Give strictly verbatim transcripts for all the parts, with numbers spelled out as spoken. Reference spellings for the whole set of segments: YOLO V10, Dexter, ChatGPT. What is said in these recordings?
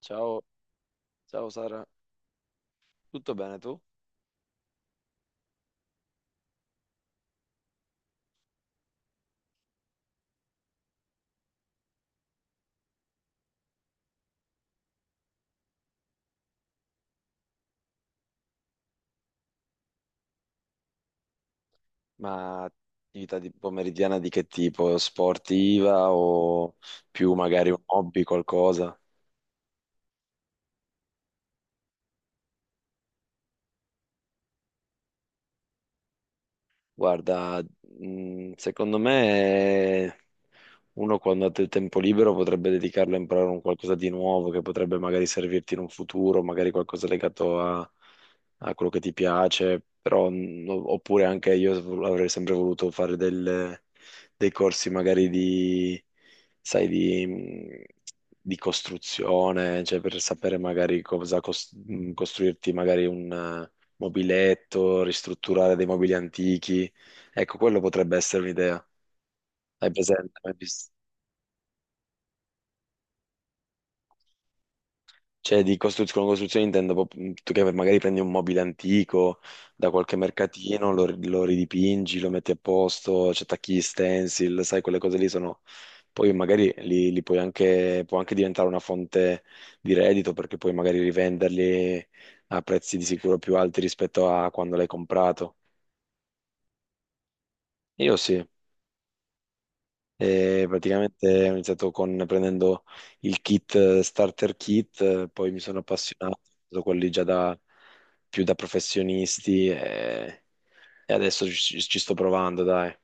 Ciao, ciao Sara, tutto bene tu? Ma attività di pomeridiana di che tipo? Sportiva o più magari un hobby, qualcosa? Guarda, mh, secondo me uno quando ha del tempo libero potrebbe dedicarlo a imparare un qualcosa di nuovo che potrebbe magari servirti in un futuro, magari qualcosa legato a, a quello che ti piace, però, mh, o- oppure anche io avrei sempre voluto fare del- dei corsi magari di, sai, di, mh, di costruzione, cioè per sapere magari cosa cos- mh, costruirti magari un eh, mobiletto, ristrutturare dei mobili antichi. Ecco, quello potrebbe essere un'idea. Hai presente? Hai vis- Cioè, di costru- con costruzione intendo proprio- mm, tu che magari prendi un mobile antico da qualche mercatino, lo, lo ridipingi, lo metti a posto, ci attacchi gli stencil, sai, quelle cose lì sono. Poi magari li, li puoi anche, può anche diventare una fonte di reddito perché puoi magari rivenderli a prezzi di sicuro più alti rispetto a quando l'hai comprato. Io sì. E praticamente ho iniziato con, prendendo il kit eh, starter kit, eh, poi mi sono appassionato, ho preso quelli già da, più da professionisti e, e adesso ci, ci sto provando, dai.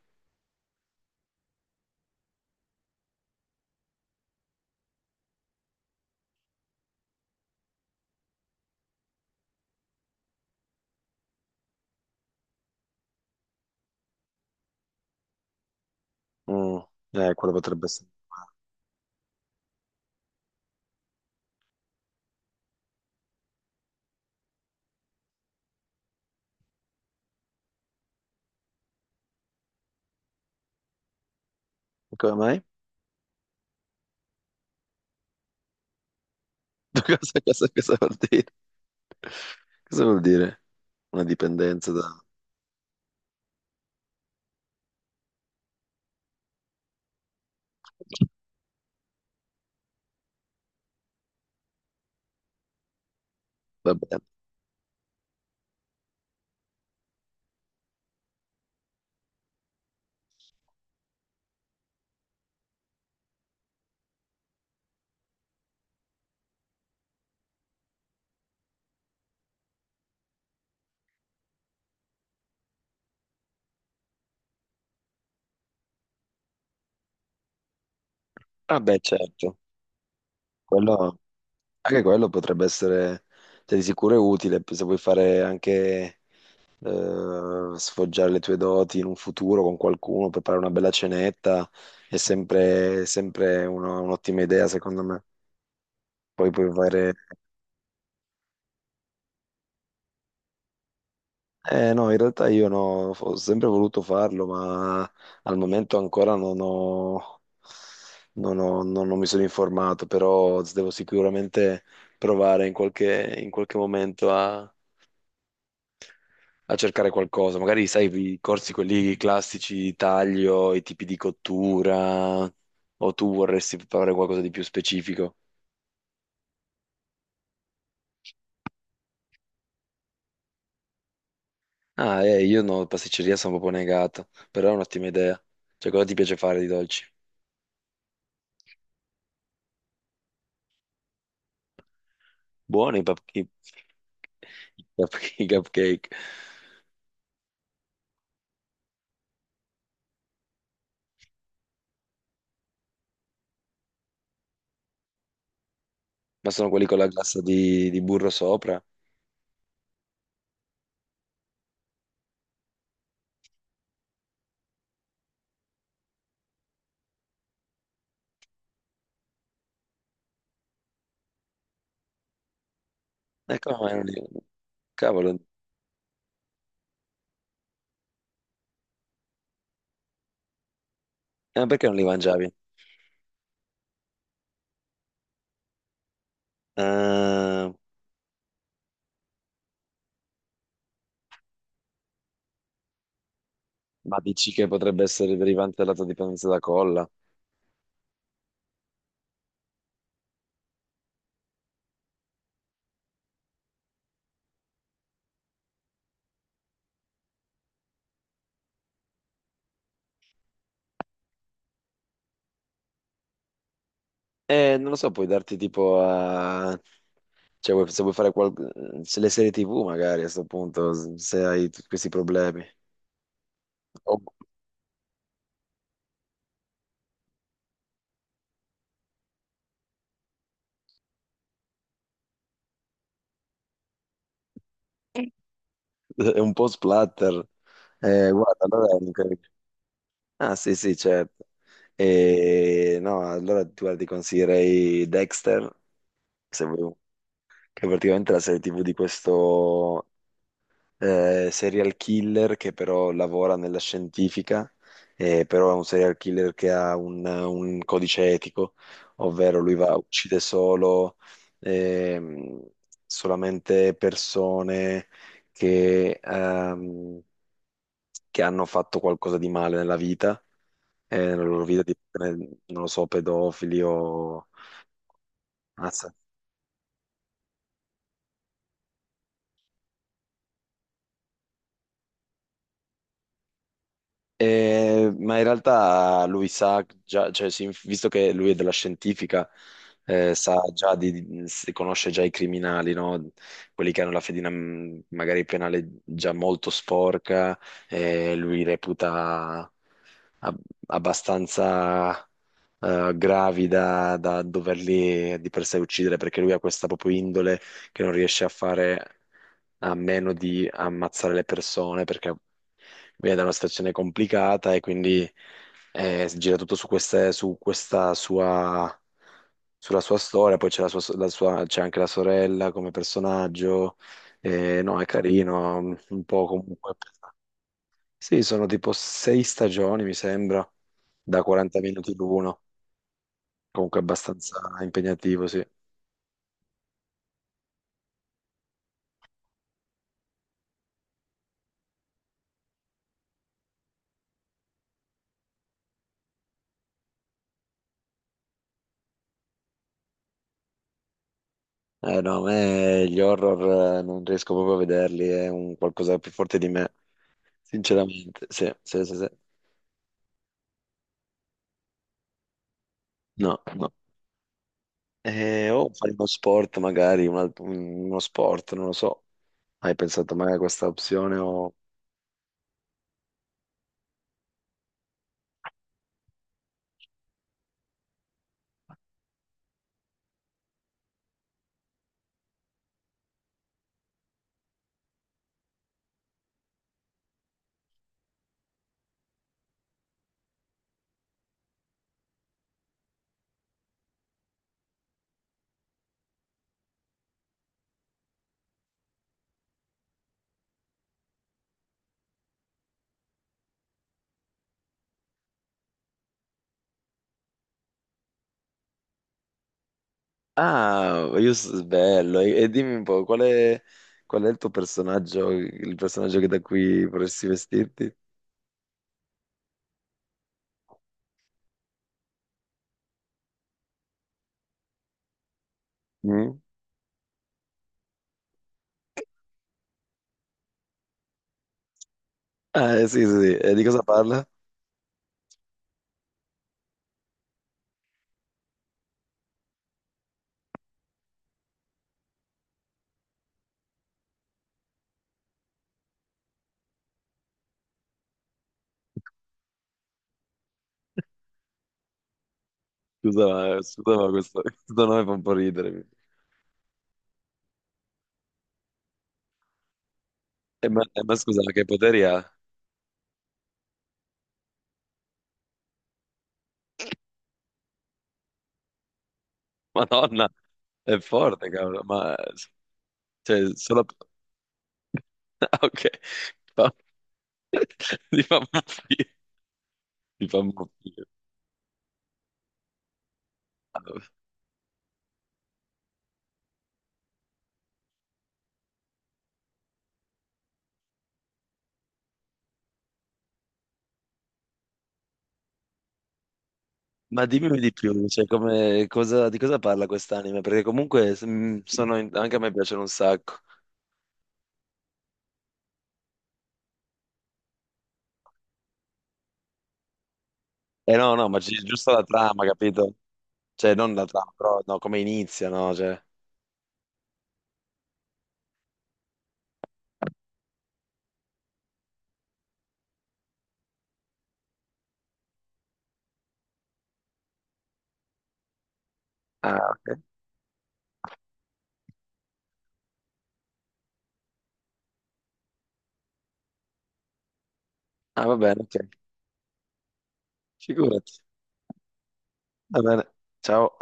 Mm, eh, quello potrebbe essere. E come mai? Cosa, cosa- cosa vuol dire? Cosa vuol dire? Una dipendenza da... Vabbè. Ah beh, certo. Quello, anche quello potrebbe essere, cioè, di sicuro è utile, se vuoi fare anche eh, sfoggiare le tue doti in un futuro con qualcuno, preparare una bella cenetta è sempre, sempre una- un'ottima idea, secondo me. Poi puoi fare... Eh no, in realtà io no, ho sempre voluto farlo, ma al momento ancora non ho, non ho- non- non mi sono informato, però devo sicuramente provare in qualche, in qualche momento a cercare qualcosa. Magari, sai, i corsi quelli classici di taglio, i tipi di cottura, o tu vorresti fare qualcosa di più specifico? Ah, eh, io no, pasticceria sono proprio negato, però è un'ottima idea. Cioè, cosa ti piace fare di dolci? Buoni i pup- i- i pup- i cupcake, ma sono quelli con la glassa di, di burro sopra? Eh, come non li... Cavolo, eh, perché non li mangiavi? Eh, ma dici che potrebbe essere derivante dalla tua dipendenza da colla? Eh, non lo so, puoi darti tipo a... Cioè, vuoi- se vuoi fare qual... se le serie T V magari a questo punto, s- se hai tutti questi problemi. O- È un po' splatter. Eh, guarda, allora... Ah, sì, sì, certo. E... No, allora tu guarda, ti consiglierei Dexter, se vuoi, che è praticamente la serie T V di questo... eh, serial killer che però lavora nella scientifica, eh, però è un serial killer che ha un, un codice etico, ovvero lui va, uccide solo, ehm, solamente persone che, ehm, che hanno fatto qualcosa di male nella vita, eh, nella loro vita, tipo, eh, non lo so, pedofili o eh, ma in realtà lui sa già, cioè, sì, visto che lui è della scientifica, eh, sa già di, di- si conosce già i criminali, no? Quelli che hanno la fedina mh, magari penale già molto sporca, eh, lui reputa ab- abbastanza eh, gravi da, da doverli di per sé uccidere, perché lui ha questa proprio indole che non riesce a fare a meno di ammazzare le persone perché viene da una situazione complicata e quindi eh, gira tutto su, queste- su questa sua, sulla sua storia, poi c'è la sua- so, la sua- c'è anche la sorella come personaggio. Eh, no, è carino, un po' comunque. Sì, sono tipo sei stagioni, mi sembra, da quaranta minuti l'uno, comunque abbastanza impegnativo, sì. Eh no, a me gli horror eh, non riesco proprio a vederli, è un qualcosa più forte di me. Sinceramente, sì, sì, sì, sì. No, no. Eh, o fare uno sport, magari, un alt- uno sport, non lo so. Hai pensato mai a questa opzione o... Ah, io s- bello. E, e dimmi un po', qual è, qual è il tuo personaggio, il personaggio che da qui vorresti vestirti? Mm? Ah, eh, sì, sì, sì. E di cosa parla? Scusa, ma- scusa, ma questo, questo nome fa un po' ridere. E ma, eh, ma scusa, ma che poteri ha? Madonna, è forte, cavolo. Ma, cioè, solo... Ah, ok. No, di mamma mia, di mamma mia. Ma dimmi di più, cioè, come- cosa- di cosa parla quest'anime? Perché comunque mm, sono in- anche a me piacciono un sacco. Eh no, no, ma gi- giusto la trama, capito? Cioè, non la trama, però no, come inizia, no? Cioè... Ah, ok. Ah, va bene, ok. Figurati. Va bene. Ciao.